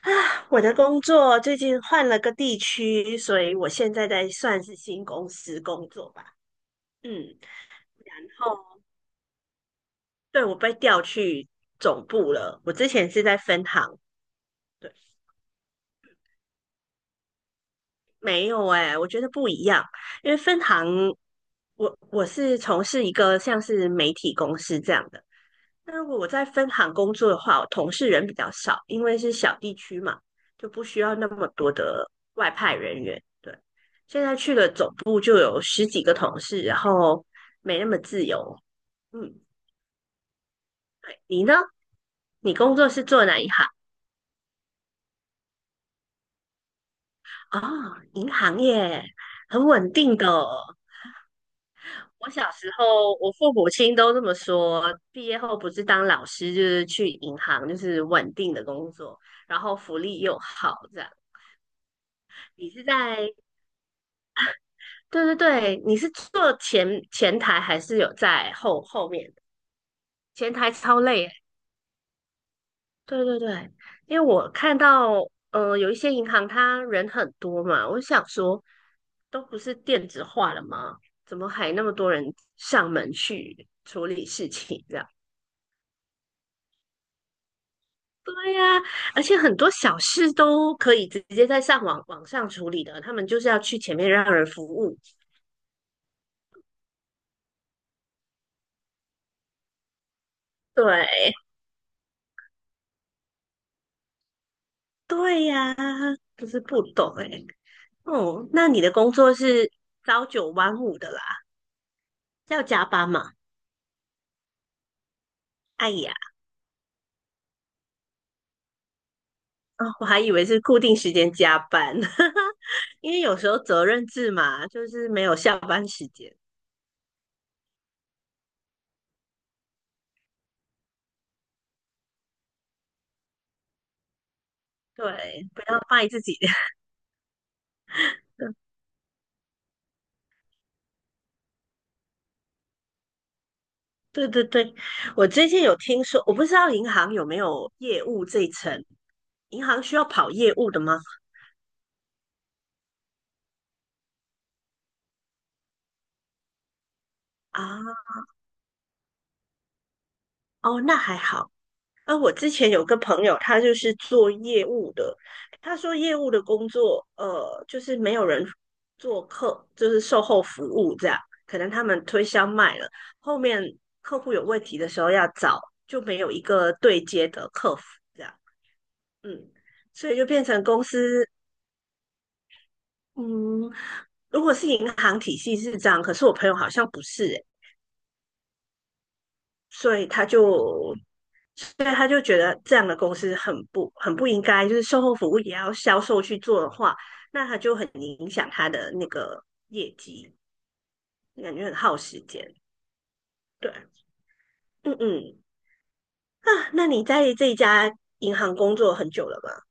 啊，我的工作最近换了个地区，所以我现在在算是新公司工作吧。嗯，然后对，我被调去总部了。我之前是在分行，对，没有哎、我觉得不一样，因为分行，我是从事一个像是媒体公司这样的。那如果我在分行工作的话，我同事人比较少，因为是小地区嘛，就不需要那么多的外派人员。对，现在去了总部就有十几个同事，然后没那么自由。嗯，你呢？你工作是做哪一行？哦，银行业，很稳定的哦。我小时候，我父母亲都这么说，毕业后不是当老师，就是去银行，就是稳定的工作，然后福利又好，这样。你是在对对对，你是坐前台还是有在后面？前台超累欸，对对对，因为我看到，有一些银行它人很多嘛，我想说，都不是电子化了吗？怎么还那么多人上门去处理事情这样？对呀，而且很多小事都可以直接在网上处理的，他们就是要去前面让人服务。对，对呀，就是不懂哎。哦，那你的工作是朝九晚五的啦，是要加班嘛？哎呀，哦我还以为是固定时间加班。因为有时候责任制嘛，就是没有下班时间。对，不要卖自己。对对对，我最近有听说，我不知道银行有没有业务这一层，银行需要跑业务的吗？啊，哦，那还好。啊，我之前有个朋友，他就是做业务的。他说业务的工作，就是没有人做客，就是售后服务这样。可能他们推销卖了，后面客户有问题的时候要找，就没有一个对接的客服这样。嗯，所以就变成公司。嗯，如果是银行体系是这样，可是我朋友好像不是欸。所以他就，所以他就觉得这样的公司很不应该，就是售后服务也要销售去做的话，那他就很影响他的那个业绩，感觉很耗时间。对，嗯嗯，啊，那你在这一家银行工作很久了吗？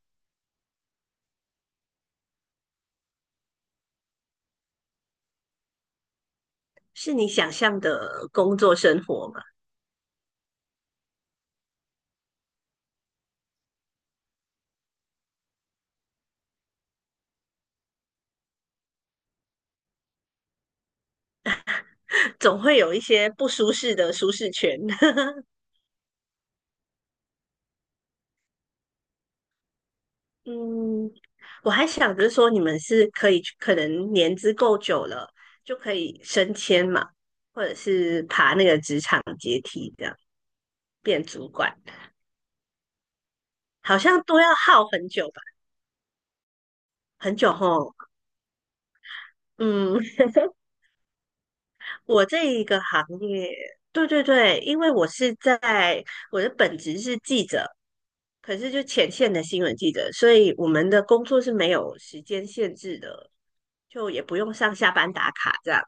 是你想象的工作生活吗？总会有一些不舒适的舒适圈。嗯，我还想着说，你们是可以去可能年资够久了，就可以升迁嘛，或者是爬那个职场阶梯，这样变主管，好像都要耗很久吧，很久吼。嗯，我这一个行业，对对对，因为我是在我的本职是记者，可是就前线的新闻记者，所以我们的工作是没有时间限制的，就也不用上下班打卡这样。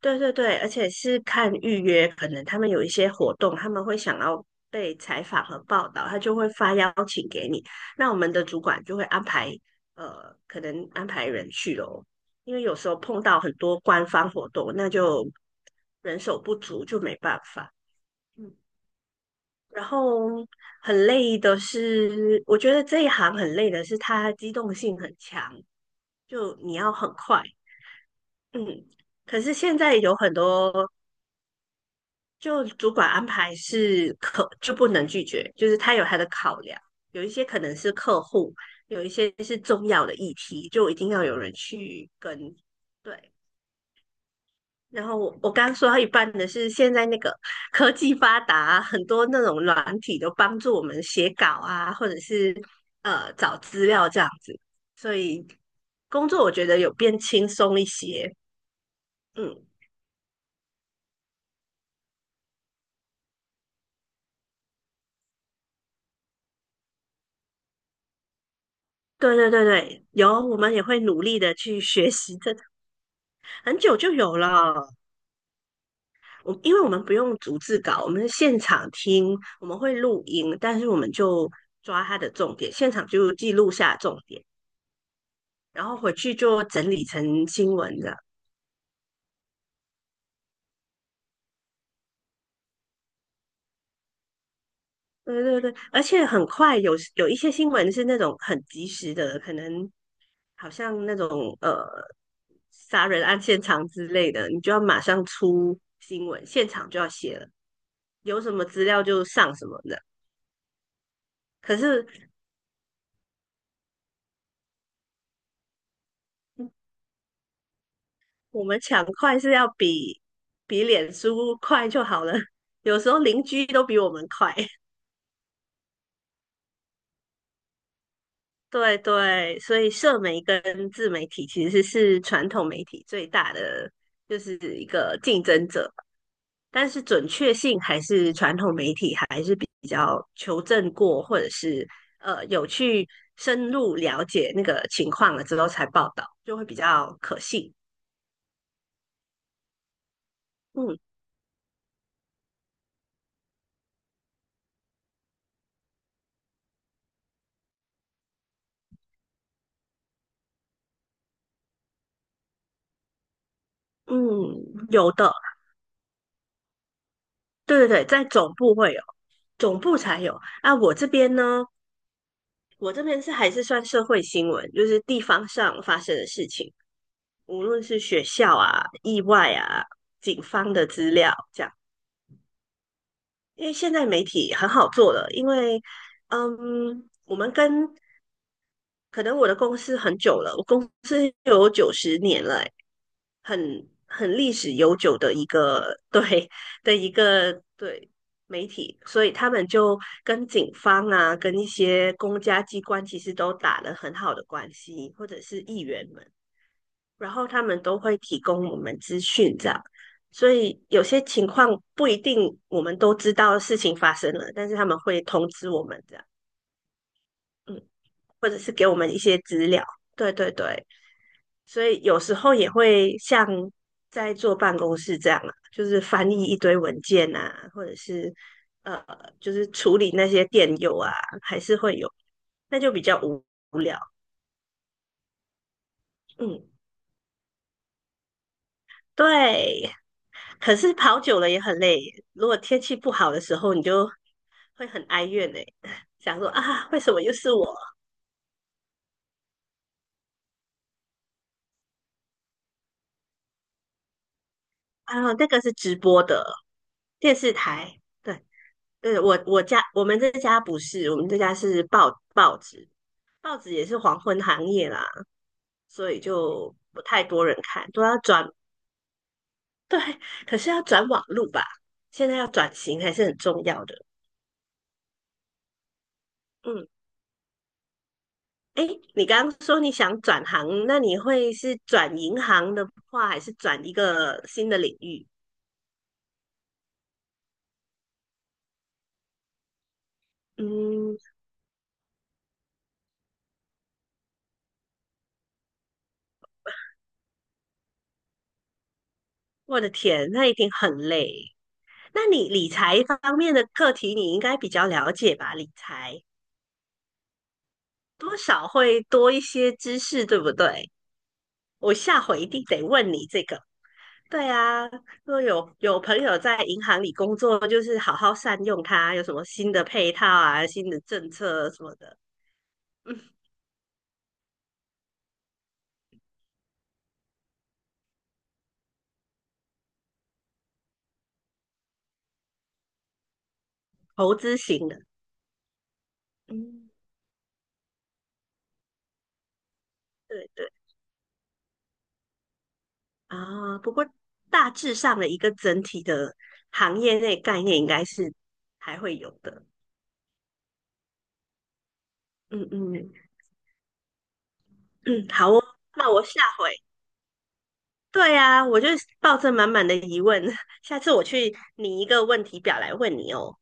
对对对，而且是看预约，可能他们有一些活动，他们会想要被采访和报道，他就会发邀请给你。那我们的主管就会安排，可能安排人去咯，因为有时候碰到很多官方活动，那就人手不足，就没办法。嗯，然后很累的是，我觉得这一行很累的是它机动性很强，就你要很快。嗯，可是现在有很多。就主管安排是可就不能拒绝，就是他有他的考量，有一些可能是客户，有一些是重要的议题，就一定要有人去跟。对，然后我刚说到一半的是，现在那个科技发达啊，很多那种软体都帮助我们写稿啊，或者是找资料这样子，所以工作我觉得有变轻松一些。嗯，对对对对，有，我们也会努力的去学习这，很久就有了。我因为我们不用逐字稿，我们是现场听，我们会录音，但是我们就抓它的重点，现场就记录下重点，然后回去就整理成新闻的。对对对，而且很快有一些新闻是那种很及时的，可能好像那种杀人案现场之类的，你就要马上出新闻，现场就要写了，有什么资料就上什么的。可是我们抢快是要比脸书快就好了，有时候邻居都比我们快。对对，所以社媒跟自媒体其实是传统媒体最大的就是一个竞争者，但是准确性还是传统媒体还是比较求证过，或者是有去深入了解那个情况了之后才报道，就会比较可信。嗯嗯，有的，对对对，在总部会。有。总部才有啊。我这边呢，我这边是还是算社会新闻，就是地方上发生的事情，无论是学校啊、意外啊、警方的资料这样。因为现在媒体很好做了，因为嗯，我们跟可能我的公司很久了，我公司有90年了、欸，很历史悠久的一个 对的一个对媒体，所以他们就跟警方啊，跟一些公家机关其实都打了很好的关系，或者是议员们，然后他们都会提供我们资讯这样。所以有些情况不一定我们都知道事情发生了，但是他们会通知我们这样，嗯，或者是给我们一些资料。对对对，所以有时候也会像在坐办公室这样啊，就是翻译一堆文件啊，或者是呃，就是处理那些电邮啊，还是会有，那就比较无聊。嗯，对。可是跑久了也很累，如果天气不好的时候，你就会很哀怨哎、想说啊，为什么又是我？啊，那个是直播的电视台。对，对，我我家我们这家不是，我们这家是报纸，报纸也是黄昏行业啦，所以就不太多人看，都要转，对，可是要转网路吧，现在要转型还是很重要的。嗯，哎，你刚刚说你想转行，那你会是转银行的话，还是转一个新的领域？嗯，我的天，那一定很累。那你理财方面的课题，你应该比较了解吧？理财多少会多一些知识，对不对？我下回一定得问你这个。对啊，如果有朋友在银行里工作，就是好好善用它，有什么新的配套啊、新的政策什么的，嗯，投资型的，嗯，对对啊。不过大致上的一个整体的行业内概念应该是还会有的，嗯嗯嗯，好哦，那我下回。对啊，我就抱着满满的疑问，下次我去拟一个问题表来问你哦。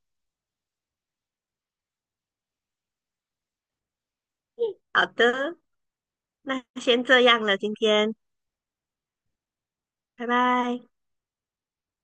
好的，那先这样了，今天，拜拜。